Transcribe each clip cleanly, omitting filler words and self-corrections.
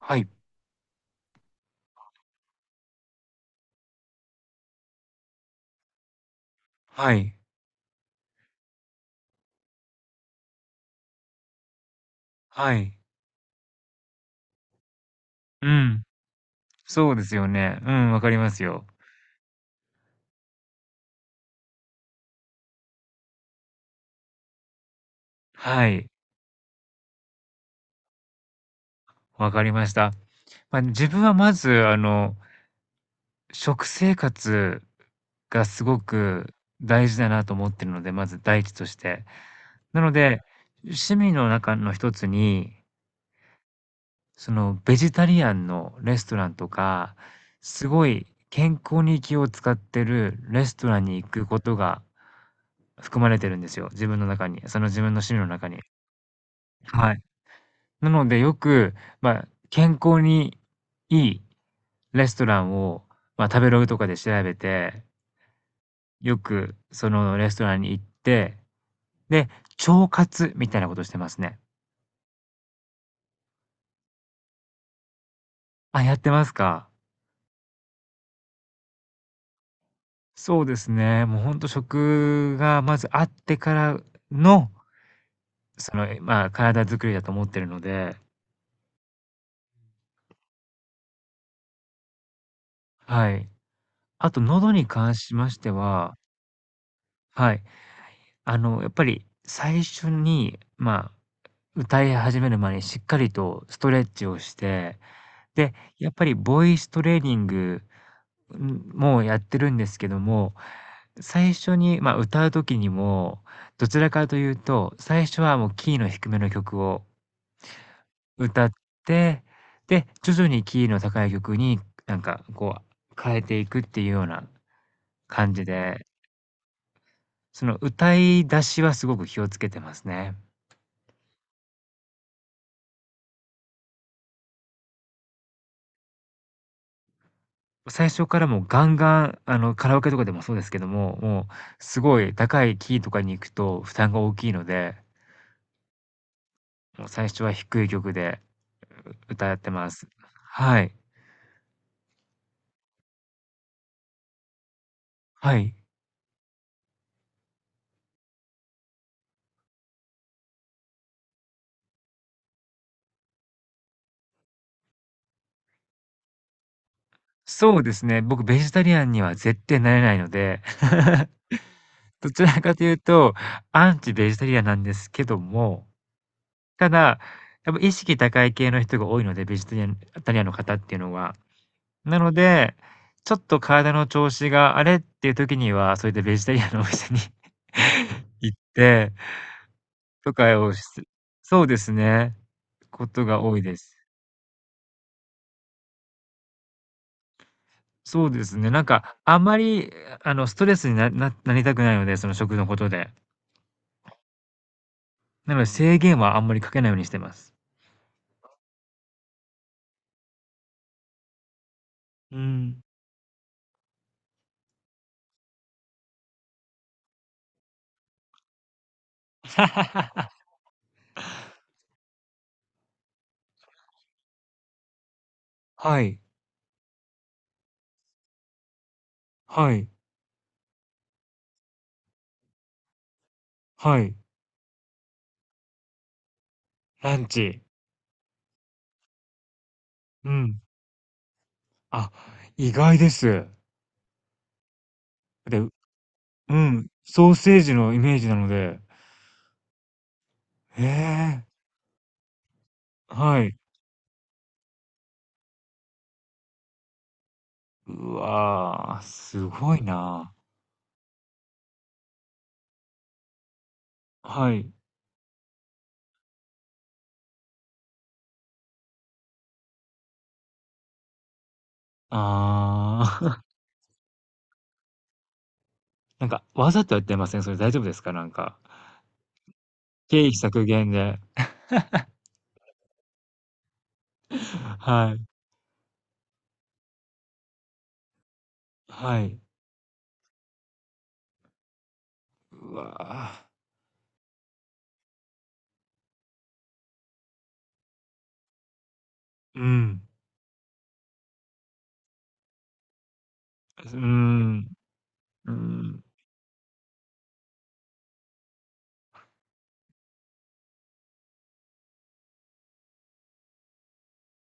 はい。はい。はい。うん。そうですよね。うん、わかりますよ。はい。わかりました。まあ、自分はまず、食生活がすごく大事だなと思ってるので、まず第一として。なので、趣味の中の一つに、その、ベジタリアンのレストランとか、すごい健康に気を使ってるレストランに行くことが含まれてるんですよ、自分の中に。その自分の趣味の中に。はい。なのでよく、まあ、健康にいいレストランを、まあ、食べログとかで調べて、よくそのレストランに行って、で、腸活みたいなことしてますね。あ、やってますか。そうですね。もうほんと食がまずあってからの、その、まあ、体作りだと思ってるので、はい。あと喉に関しましては、はい、やっぱり最初に、まあ、歌い始める前にしっかりとストレッチをして、で、やっぱりボイストレーニング、もやってるんですけども、最初に、まあ、歌う時にも、どちらかというと、最初はもうキーの低めの曲を歌って、で、徐々にキーの高い曲になんかこう変えていくっていうような感じで、その歌い出しはすごく気をつけてますね。最初からもうガンガン、カラオケとかでもそうですけども、もうすごい高いキーとかに行くと負担が大きいので、もう最初は低い曲で、歌ってます。はい。はい。そうですね、僕ベジタリアンには絶対なれないので、どちらかというと、アンチベジタリアンなんですけども、ただ、やっぱ意識高い系の人が多いので、ベジタリアンタリアンの方っていうのは。なので、ちょっと体の調子があれっていう時には、そういったベジタリアンのお店に 行ってとかをしそうですね。ことが多いです。そうですね、なんかあんまり、ストレスになりたくないので、その食のことで。なので制限はあんまりかけないようにしてます。うん。はい、はい、はい。ランチ。うん。あ、意外です。でうん、ソーセージのイメージなので。へえ、はい。うわあ、すごいな。はい。ああ、なんかわざとやってません？それ大丈夫ですか？なんか、経費削減で。はい、はい。うわあ、うん。うん、うん。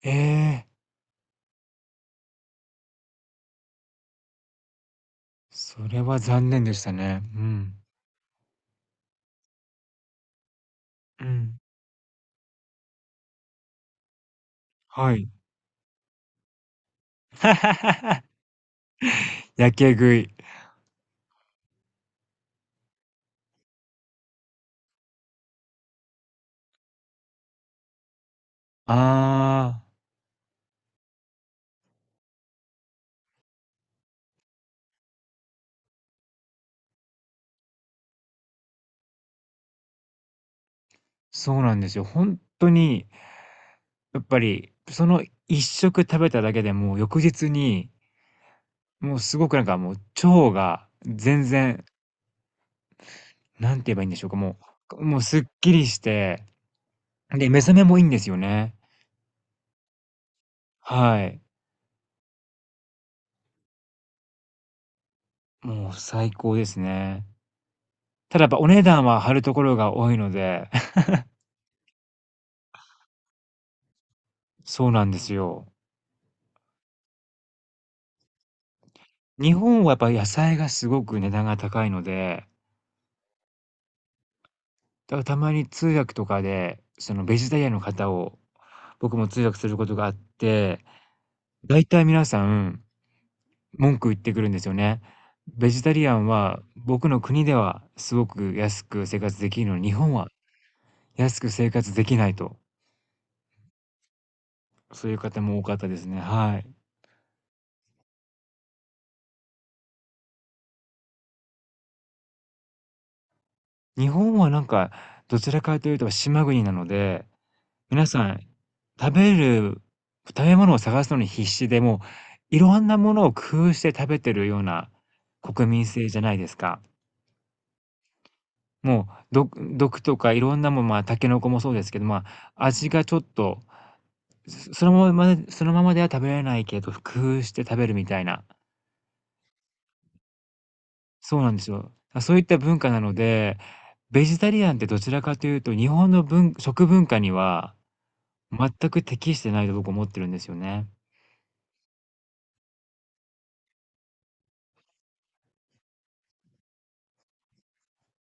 ええ、それは残念でしたね。うん。うん。はい。やけ食い。ああ、そうなんですよ。本当にやっぱり、その一食食べただけでもう翌日に、もうすごくなんかもう腸が全然、なんて言えばいいんでしょうか、もう、もうすっきりして、で、目覚めもいいんですよね。はい。もう最高ですね。ただやっぱお値段は張るところが多いので、そうなんですよ。日本はやっぱ野菜がすごく値段が高いので、だからたまに通訳とかで、そのベジタリアンの方を僕も通訳することがあって、だいたい皆さん文句言ってくるんですよね。ベジタリアンは僕の国ではすごく安く生活できるのに、日本は安く生活できないと、そういう方も多かったですね。はい。日本はなんか、どちらかというと島国なので、皆さん食べる食べ物を探すのに必死で、もういろんなものを工夫して食べてるような国民性じゃないですか。もう、毒とかいろんなもん、まあ、タケノコもそうですけど、まあ、味がちょっとそのままでは食べられないけど、工夫して食べるみたいな。そうなんですよ。あ、そういった文化なので、ベジタリアンってどちらかというと、日本の食文化には全く適してないと僕思ってるんですよね。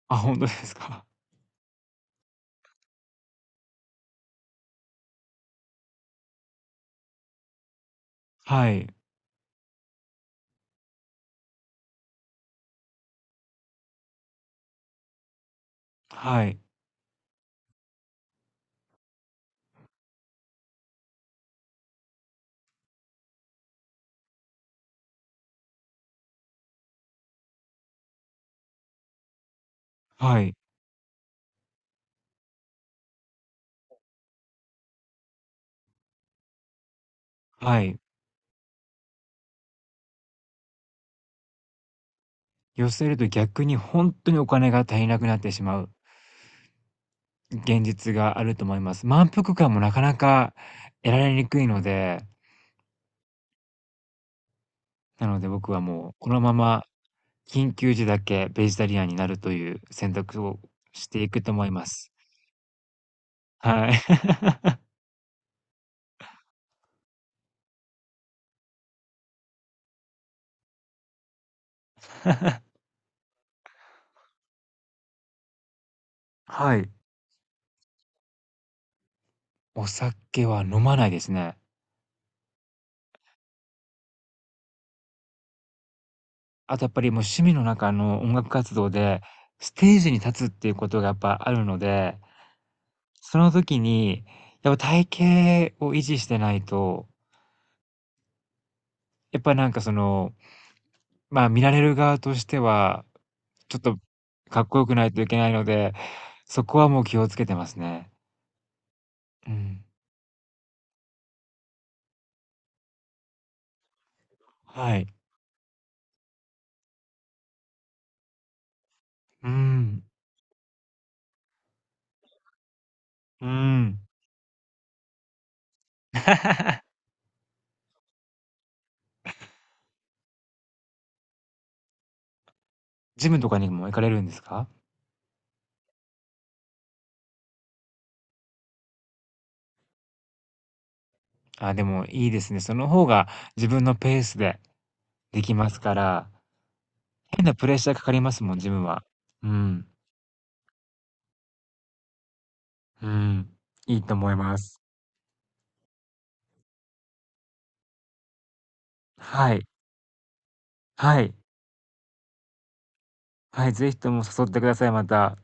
あ、ほんとですか。はい。はい。はい。はい。寄せると逆にほんとにお金が足りなくなってしまう現実があると思います。満腹感もなかなか得られにくいので、なので僕はもうこのまま緊急時だけベジタリアンになるという選択をしていくと思います。はい。はい。お酒は飲まないですね。あとやっぱりもう趣味の中の音楽活動で、ステージに立つっていうことがやっぱあるので、その時に、やっぱ体型を維持してないと、やっぱなんかその、まあ見られる側としては、ちょっとかっこよくないといけないので、そこはもう気をつけてますね。うん。はい。うん。うーん。ジムとかにも行かれるんですか？あ、でもいいですね。その方が自分のペースでできますから、変なプレッシャーかかりますもん、ジムは。うん、うん。いいと思います。はい、はい、はい、ぜひとも誘ってください、また。